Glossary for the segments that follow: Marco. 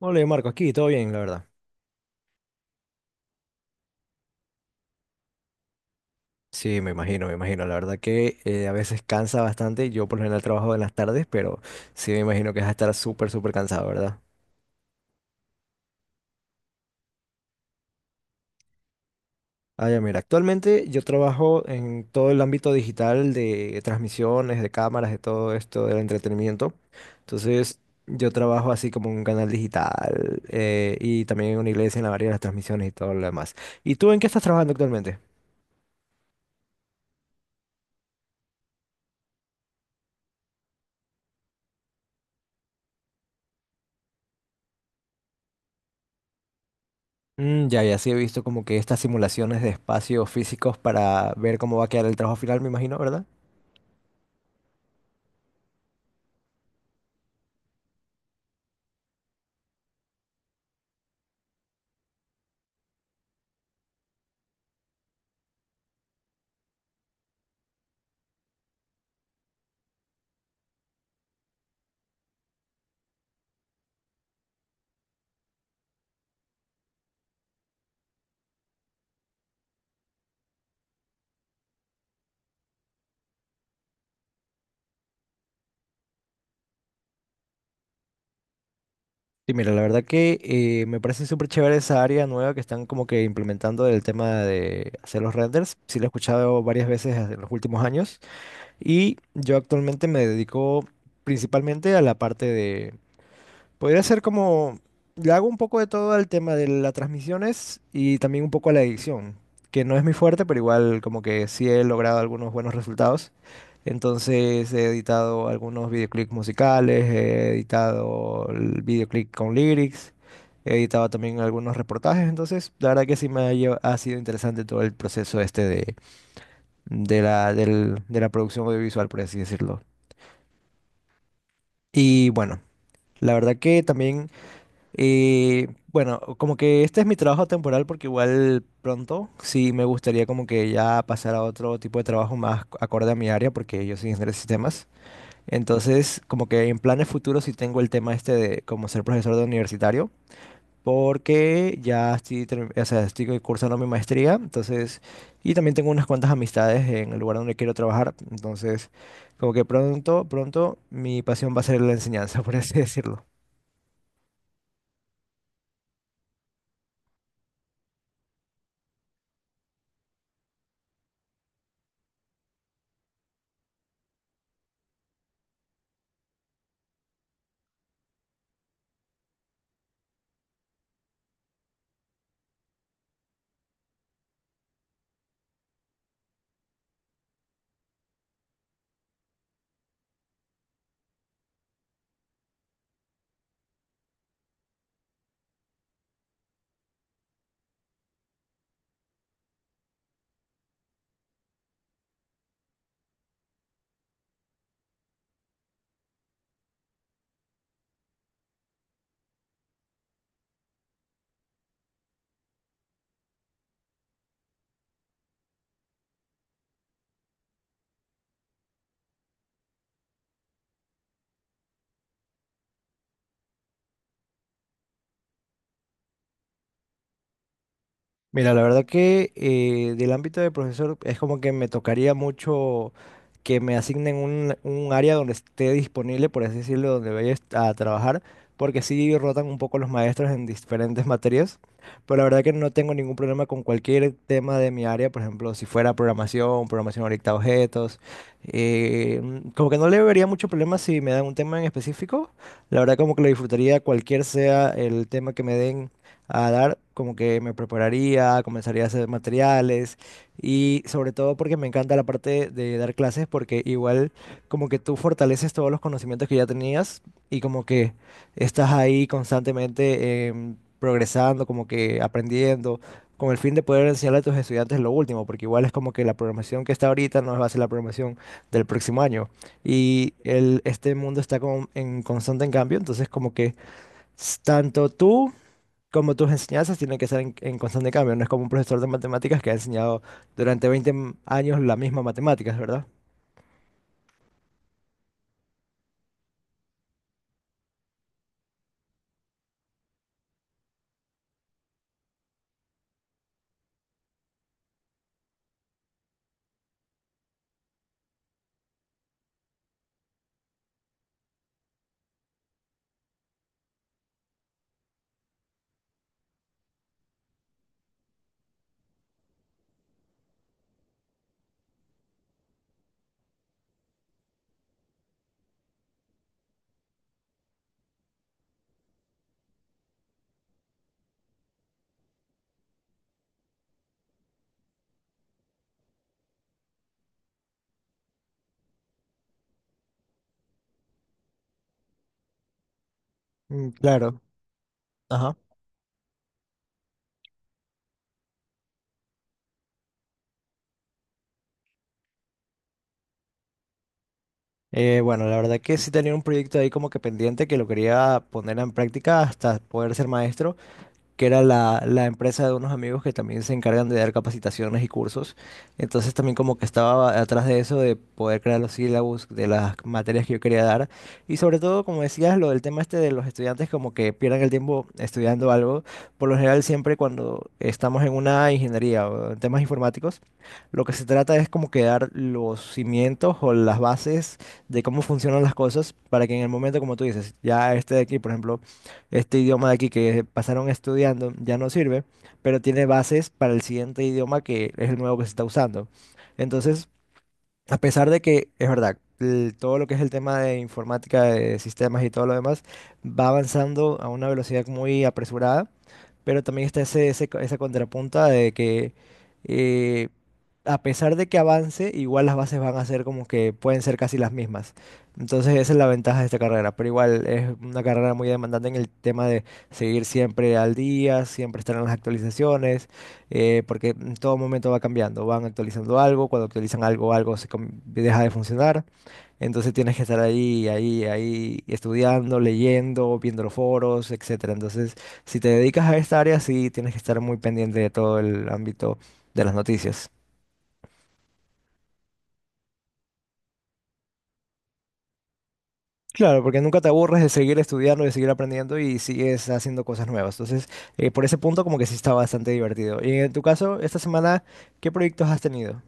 Hola Marco, aquí todo bien, la verdad. Sí, me imagino, me imagino. La verdad que a veces cansa bastante. Yo por lo general trabajo en las tardes, pero sí me imagino que vas a estar súper, súper cansado, ¿verdad? Ah, ya, mira, actualmente yo trabajo en todo el ámbito digital de transmisiones, de cámaras, de todo esto del entretenimiento. Entonces, yo trabajo así como en un canal digital y también en una iglesia en la variedad de las transmisiones y todo lo demás. ¿Y tú en qué estás trabajando actualmente? Mm, ya, ya sí he visto como que estas simulaciones de espacios físicos para ver cómo va a quedar el trabajo final, me imagino, ¿verdad? Sí, mira, la verdad que me parece súper chévere esa área nueva que están como que implementando del tema de hacer los renders. Sí, lo he escuchado varias veces en los últimos años. Y yo actualmente me dedico principalmente a la parte de podría ser como, le hago un poco de todo al tema de las transmisiones y también un poco a la edición, que no es muy fuerte, pero igual como que sí he logrado algunos buenos resultados. Entonces he editado algunos videoclips musicales, he editado el videoclip con lyrics, he editado también algunos reportajes, entonces la verdad que sí me ha, ha sido interesante todo el proceso este de la, de la producción audiovisual, por así decirlo. Y bueno, la verdad que también. Y bueno, como que este es mi trabajo temporal porque igual pronto sí me gustaría como que ya pasar a otro tipo de trabajo más acorde a mi área porque yo soy ingeniero de sistemas. Entonces, como que en planes futuros sí tengo el tema este de como ser profesor de universitario porque ya estoy, o sea, estoy cursando mi maestría, entonces, y también tengo unas cuantas amistades en el lugar donde quiero trabajar, entonces, como que pronto, pronto mi pasión va a ser la enseñanza, por así decirlo. Mira, la verdad que del ámbito de profesor es como que me tocaría mucho que me asignen un área donde esté disponible, por así decirlo, donde vaya a trabajar, porque sí rotan un poco los maestros en diferentes materias, pero la verdad que no tengo ningún problema con cualquier tema de mi área, por ejemplo, si fuera programación, programación orientada a objetos, como que no le vería mucho problema si me dan un tema en específico, la verdad como que lo disfrutaría cualquier sea el tema que me den a dar, como que me prepararía, comenzaría a hacer materiales y sobre todo porque me encanta la parte de dar clases porque igual como que tú fortaleces todos los conocimientos que ya tenías y como que estás ahí constantemente progresando, como que aprendiendo, con el fin de poder enseñarle a tus estudiantes lo último, porque igual es como que la programación que está ahorita no va a ser la programación del próximo año. Y el, este mundo está como en constante en cambio, entonces como que tanto tú como tus enseñanzas tienen que ser en constante cambio, no es como un profesor de matemáticas que ha enseñado durante 20 años la misma matemáticas, ¿verdad? Mm, claro. Ajá. Bueno, la verdad que sí tenía un proyecto ahí como que pendiente que lo quería poner en práctica hasta poder ser maestro, que era la, la empresa de unos amigos que también se encargan de dar capacitaciones y cursos. Entonces también como que estaba atrás de eso, de poder crear los sílabus de las materias que yo quería dar. Y sobre todo, como decías, lo del tema este de los estudiantes como que pierdan el tiempo estudiando algo. Por lo general siempre cuando estamos en una ingeniería o en temas informáticos, lo que se trata es como que dar los cimientos o las bases de cómo funcionan las cosas para que en el momento, como tú dices, ya este de aquí, por ejemplo, este idioma de aquí que pasaron estudiando ya no sirve, pero tiene bases para el siguiente idioma que es el nuevo que se está usando. Entonces, a pesar de que, es verdad, todo lo que es el tema de informática, de sistemas y todo lo demás, va avanzando a una velocidad muy apresurada, pero también está ese, ese esa contrapunta de que eh, a pesar de que avance, igual las bases van a ser como que pueden ser casi las mismas. Entonces esa es la ventaja de esta carrera, pero igual es una carrera muy demandante en el tema de seguir siempre al día, siempre estar en las actualizaciones porque en todo momento va cambiando, van actualizando algo, cuando actualizan algo, algo se deja de funcionar, entonces tienes que estar ahí, ahí, ahí, estudiando, leyendo, viendo los foros, etcétera. Entonces, si te dedicas a esta área, sí tienes que estar muy pendiente de todo el ámbito de las noticias. Claro, porque nunca te aburres de seguir estudiando, de seguir aprendiendo y sigues haciendo cosas nuevas. Entonces, por ese punto como que sí está bastante divertido. Y en tu caso, esta semana, ¿qué proyectos has tenido?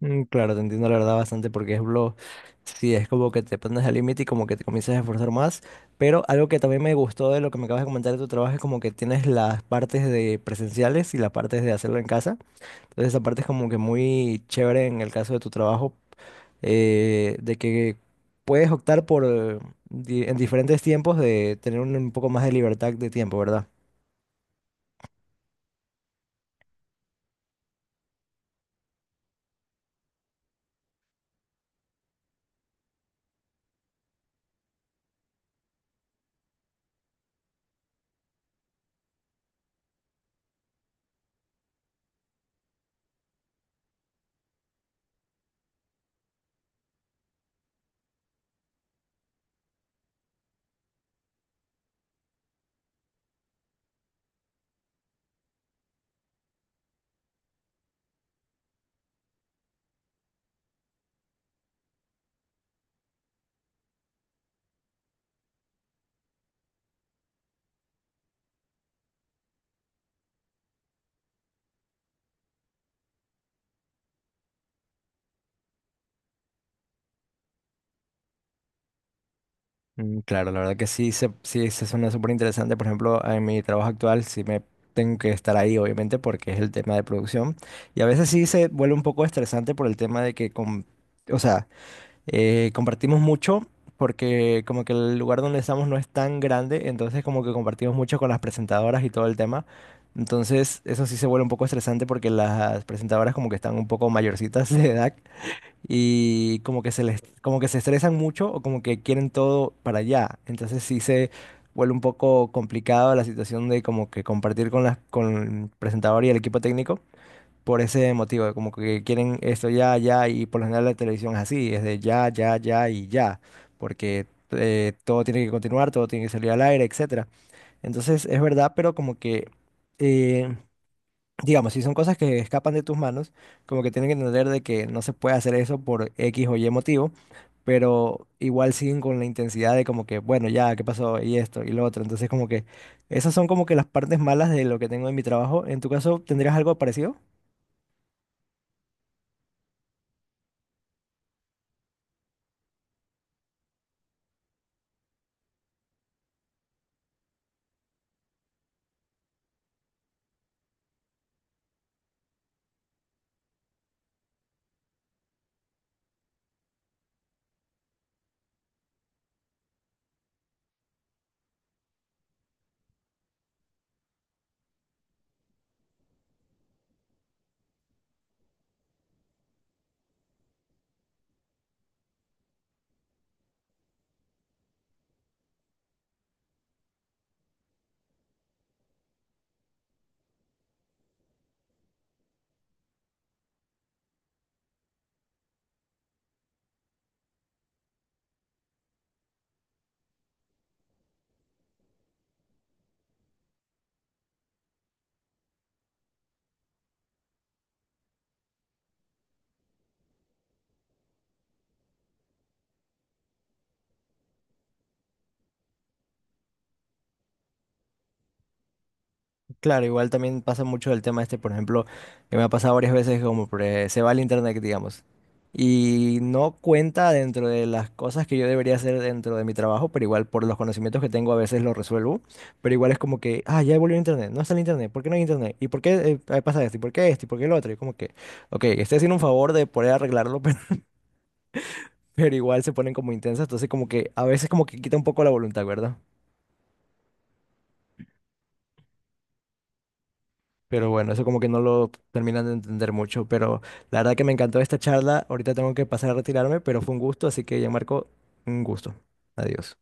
Mm, claro, te entiendo la verdad bastante porque es lo, sí, es como que te pones al límite y como que te comienzas a esforzar más, pero algo que también me gustó de lo que me acabas de comentar de tu trabajo es como que tienes las partes de presenciales y las partes de hacerlo en casa, entonces esa parte es como que muy chévere en el caso de tu trabajo, de que puedes optar por en diferentes tiempos de tener un poco más de libertad de tiempo, ¿verdad? Mm, claro, la verdad que sí se suena súper interesante. Por ejemplo, en mi trabajo actual sí me tengo que estar ahí, obviamente, porque es el tema de producción. Y a veces sí se vuelve un poco estresante por el tema de que, o sea, compartimos mucho porque como que el lugar donde estamos no es tan grande, entonces como que compartimos mucho con las presentadoras y todo el tema. Entonces eso sí se vuelve un poco estresante porque las presentadoras como que están un poco mayorcitas de edad y como que se les, como que se estresan mucho o como que quieren todo para allá. Entonces sí se vuelve un poco complicado la situación de como que compartir con las, con el presentador y el equipo técnico por ese motivo, de como que quieren esto ya, ya, y por lo general la televisión es así, es de ya, ya, ya y ya, porque todo tiene que continuar, todo tiene que salir al aire, etcétera. Entonces es verdad, pero como que eh, digamos, si son cosas que escapan de tus manos, como que tienen que entender de que no se puede hacer eso por X o Y motivo, pero igual siguen con la intensidad de como que, bueno, ya, ¿qué pasó? Y esto, y lo otro. Entonces, como que esas son como que las partes malas de lo que tengo en mi trabajo. ¿En tu caso tendrías algo parecido? Claro, igual también pasa mucho el tema este, por ejemplo, que me ha pasado varias veces, como por, se va al internet, digamos, y no cuenta dentro de las cosas que yo debería hacer dentro de mi trabajo, pero igual por los conocimientos que tengo a veces lo resuelvo, pero igual es como que, ah, ya volvió el internet, no está el internet, ¿por qué no hay internet? ¿Y por qué pasa esto? ¿Y por qué esto? ¿Y por qué lo otro? Y como que, ok, estoy haciendo un favor de poder arreglarlo, pero igual se ponen como intensas, entonces como que a veces como que quita un poco la voluntad, ¿verdad? Pero bueno, eso como que no lo terminan de entender mucho. Pero la verdad que me encantó esta charla. Ahorita tengo que pasar a retirarme, pero fue un gusto. Así que ya Marco, un gusto. Adiós.